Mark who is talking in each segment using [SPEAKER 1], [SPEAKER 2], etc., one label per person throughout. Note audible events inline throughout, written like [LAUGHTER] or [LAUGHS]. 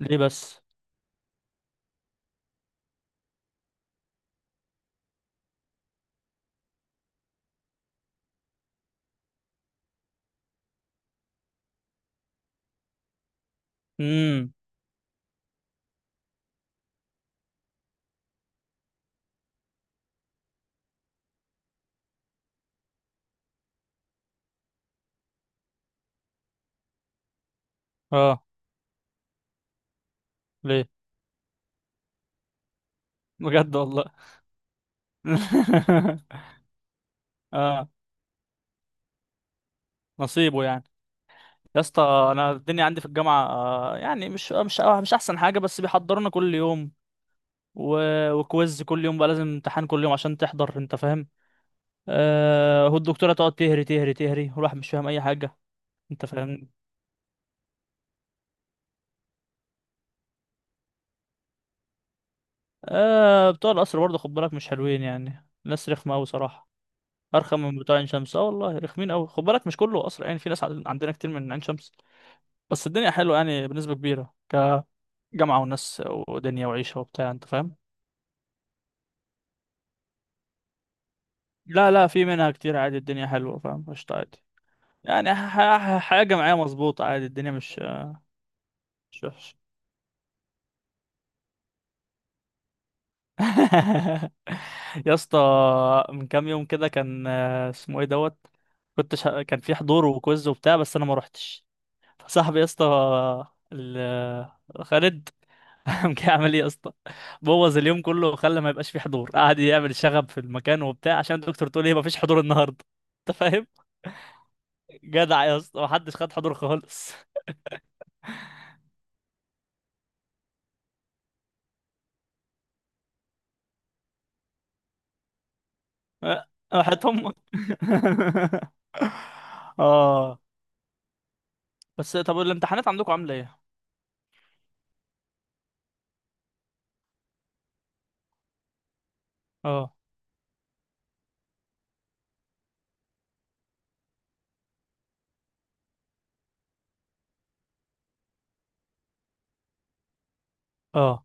[SPEAKER 1] ليه بس؟ امم. اه. ليه بجد والله. [LAUGHS] اه، نصيبه يعني. يا اسطى، انا الدنيا عندي في الجامعه يعني مش احسن حاجه، بس بيحضرونا كل يوم و... وكويز كل يوم، بقى لازم امتحان كل يوم عشان تحضر، انت فاهم؟ والدكتوره تقعد تهري تهري تهري، والواحد مش فاهم اي حاجه، انت فاهم؟ بتوع القصر برضه، خد بالك مش حلوين، يعني ناس رخمه قوي صراحه. ارخم من بتوع عين شمس، اه والله، رخمين قوي، خد بالك مش كله قصر، يعني في ناس عندنا كتير من عين شمس. بس الدنيا حلوة يعني بنسبة كبيرة، كجامعة وناس ودنيا وعيشة وبتاع، انت فاهم؟ لا لا، في منها كتير عادي، الدنيا حلوة، فاهم؟ قشطة عادي. يعني حياة جامعية مظبوطة عادي، الدنيا مش وحشة. [LAUGHS] يا اسطى، من كام يوم كده كان اسمه ايه دوت. كان في حضور وكويز وبتاع، بس انا ما روحتش. فصاحبي يا اسطى ال- خالد [LAUGHS] قام جاي عامل ايه يا اسطى. بوظ اليوم كله وخلى ما يبقاش فيه حضور، قعد يعمل شغب في المكان وبتاع عشان الدكتور تقول ايه مفيش حضور النهارده. [LAUGHS] انت فاهم؟ جدع يا اسطى، محدش خد حضور خالص. [LAUGHS] أه، راحت امك. [LAUGHS] اه. بس طب الامتحانات عندكم عامله ايه؟ اه. اه،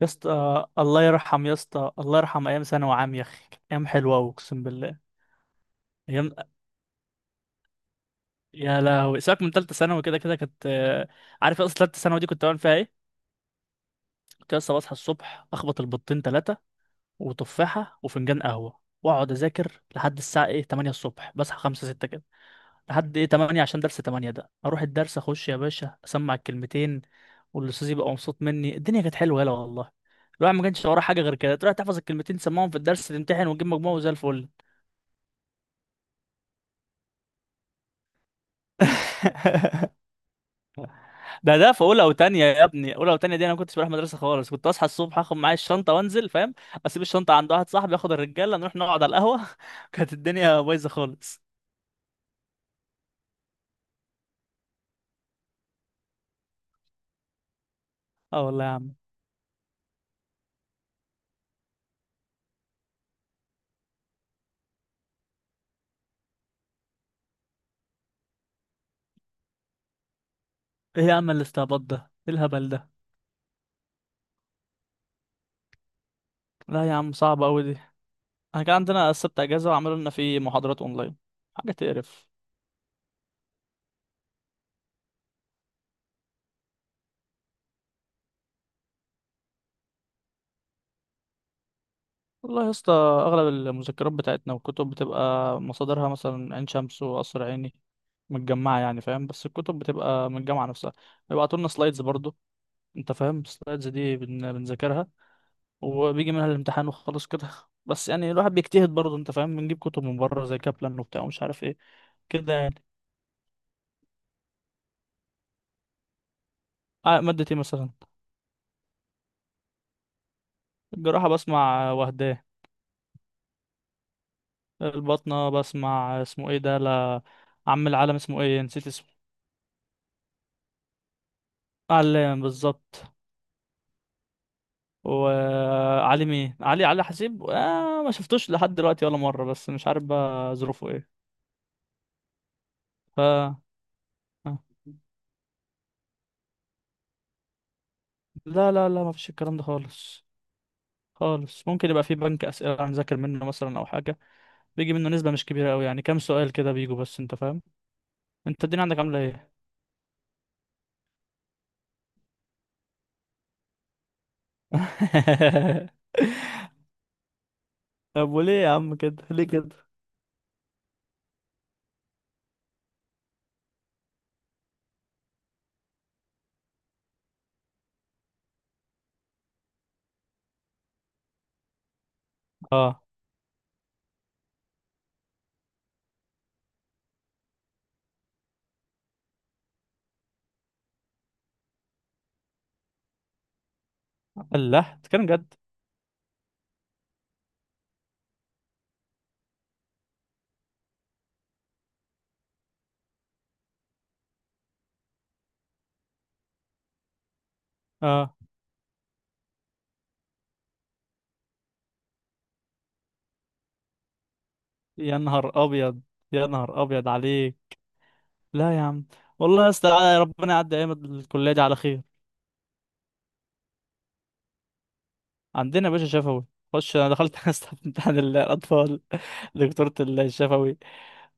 [SPEAKER 1] يا اسطى الله يرحم، يا اسطى الله يرحم ايام ثانوي عام، يا اخي كانت ايام حلوه أوي، اقسم بالله. ايام. يا لهوي، سيبك من ثالثه ثانوي، كده كده كانت عارف اصلا ثالثه ثانوي دي كنت بعمل فيها ايه؟ كنت لسه بصحى الصبح اخبط البيضتين ثلاثه وتفاحه وفنجان قهوه، واقعد اذاكر لحد الساعه ايه 8 الصبح، بصحى 5 6 كده، لحد ايه 8 عشان درس 8 ده، اروح الدرس اخش يا باشا اسمع الكلمتين، والاستاذ يبقى مبسوط مني، الدنيا كانت حلوه، يلا والله. الواحد ما كانش وراه حاجه غير كده، تروح تحفظ الكلمتين تسمعهم في الدرس، تمتحن وتجيب مجموع وزي الفل. [LAUGHS] ده في اولى وتانية يا ابني، اولى وتانية دي انا ما كنتش بروح مدرسه خالص، كنت اصحى الصبح اخد معايا الشنطه وانزل، فاهم؟ اسيب الشنطه عند واحد صاحبي، اخد الرجاله نروح نقعد على القهوه. [LAUGHS] كانت الدنيا بايظه خالص. اه والله يا عم. ايه يا عم الاستعباط ده؟ ايه الهبل ده؟ لا يا عم، صعب قوي دي. احنا كان عندنا السبت اجازه وعملوا لنا فيه محاضرات اونلاين، حاجه تقرف. والله يا اسطى، اغلب المذكرات بتاعتنا والكتب بتبقى مصادرها مثلا عين شمس وقصر عيني متجمعه، يعني فاهم، بس الكتب بتبقى من الجامعه نفسها. بيبعتوا لنا سلايدز برضو، انت فاهم؟ السلايدز دي بنذاكرها، وبيجي منها الامتحان وخلاص كده. [LAUGHS] بس يعني الواحد بيجتهد برضه، انت فاهم؟ بنجيب كتب من بره زي كابلان وبتاع ومش عارف ايه، كده يعني. مادة ايه مثلا؟ الجراحة بسمع وهداه. الباطنة بسمع اسمه ايه ده، لا. عم العالم اسمه ايه، نسيت اسمه. علام بالظبط. وعلي مين؟ علي، علي حسيب. آه ما شفتوش لحد دلوقتي ولا مرة، بس مش عارف بقى ظروفه ايه. ف آه. لا لا لا، ما فيش الكلام ده خالص خالص. ممكن يبقى في بنك اسئله هنذاكر منه مثلا، او حاجه بيجي منه نسبه مش كبيره قوي، يعني كام سؤال كده بيجوا، بس انت فاهم. انت الدنيا عندك عامله ايه؟ [LAUGHS] طب وليه يا عم كده؟ ليه كده؟ اه. الله، تتكلم جد؟ اه. يا نهار ابيض، يا نهار ابيض عليك. لا يا عم. والله يا اسطى، ربنا يعدي ايام الكليه دي على خير. عندنا يا باشا شفوي. خش، انا دخلت [LAUGHS] اسطى في امتحان الاطفال، دكتورة الشفوي.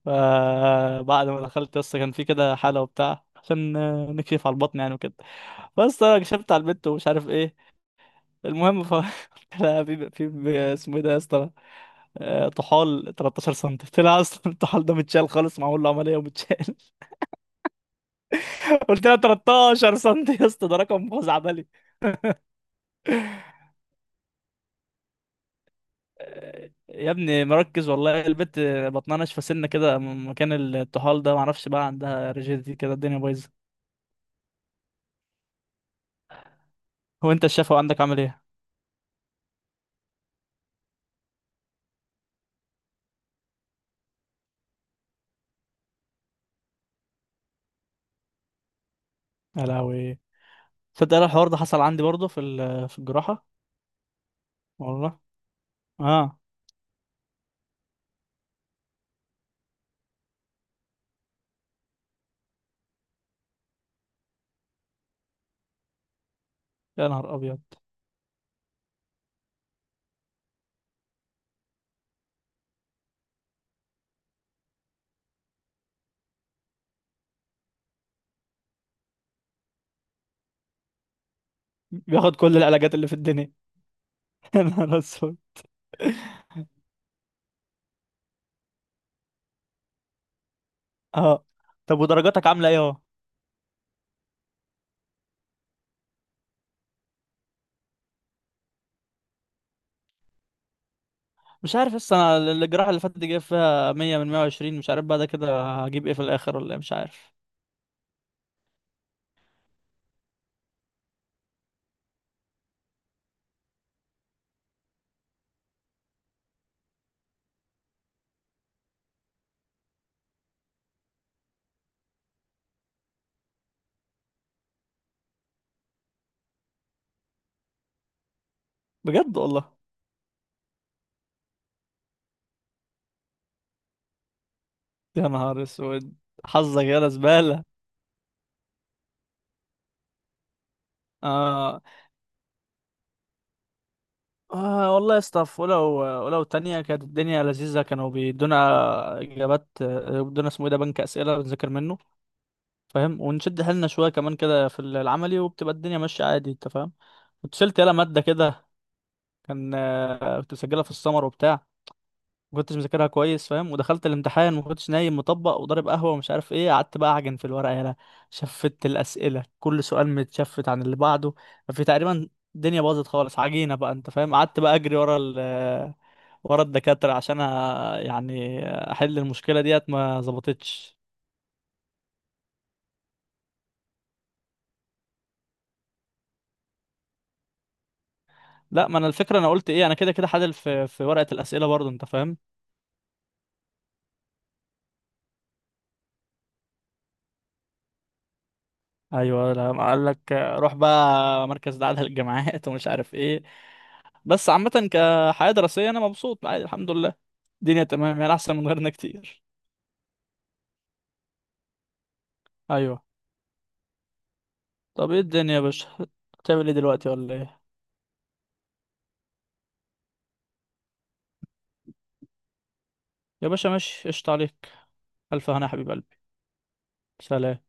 [SPEAKER 1] فبعد ما دخلت لسه كان في كده حالة وبتاع، عشان نكشف على البطن يعني وكده. بس انا كشفت على البنت ومش عارف ايه، المهم ف. [LAUGHS] لا، في اسمه ايه ده يا اسطى، طحال 13 سم طلع، اصلا الطحال ده متشال خالص، معمول له عمليه ومتشال. [LAUGHS] قلت لها 13 سم يا اسطى، ده رقم خزعبلي. يا ابني مركز والله، البت بطنها ناشفه سنه كده من مكان الطحال ده، معرفش بقى عندها ريجيديتي كده، الدنيا بايظه. هو انت الشفا عندك عامل ايه؟ يا لهوي. تصدق أنا الحوار ده حصل عندي برضه في في الجراحه. والله. اه. يا نهار ابيض. بياخد كل العلاجات اللي في الدنيا. [LAUGHS] يا نهار اسود. اه. طب ودرجاتك عامله ايه اهو؟ مش عارف لسه، انا الجراحه اللي فاتت دي جايب فيها 100 من 120، مش عارف بقى ده كده هجيب ايه في الاخر، ولا إيه، مش عارف. بجد والله. يا نهار اسود، حظك يا زباله. آه. آه والله يا اسطى، ولو تانية كانت الدنيا لذيذة، كانوا بيدونا إجابات، بيدونا اسمه إيه ده، بنك أسئلة بنذاكر منه، فاهم، ونشد حيلنا شوية كمان كده في العملي، وبتبقى الدنيا ماشية عادي، أنت فاهم. كنت شلت يلا مادة كده، كان كنت مسجلها في السمر وبتاع، ما كنتش مذاكرها كويس، فاهم؟ ودخلت الامتحان ما كنتش نايم، مطبق وضارب قهوه ومش عارف ايه، قعدت بقى اعجن في الورقه، يالا. شفت الاسئله، كل سؤال متشفت عن اللي بعده. ففي تقريبا، الدنيا باظت خالص عجينه بقى، انت فاهم؟ قعدت بقى اجري ورا [LAUGHS] ورا الدكاتره عشان يعني احل المشكله ديت، ما ظبطتش. لا، ما انا الفكره انا قلت ايه، انا كده كده حلل في ورقه الاسئله برضه، انت فاهم. ايوه، لما قال لك روح بقى مركز دعاء للجامعات ومش عارف ايه. بس عامة كحياة دراسية انا مبسوط عادي، الحمد لله. الدنيا تمام يعني، احسن من غيرنا كتير. ايوه. طب ايه الدنيا يا باشا، بتعمل ايه دلوقتي ولا ايه؟ يا باشا ماشي، قشطة عليك. الف هنا يا حبيب قلبي. سلام.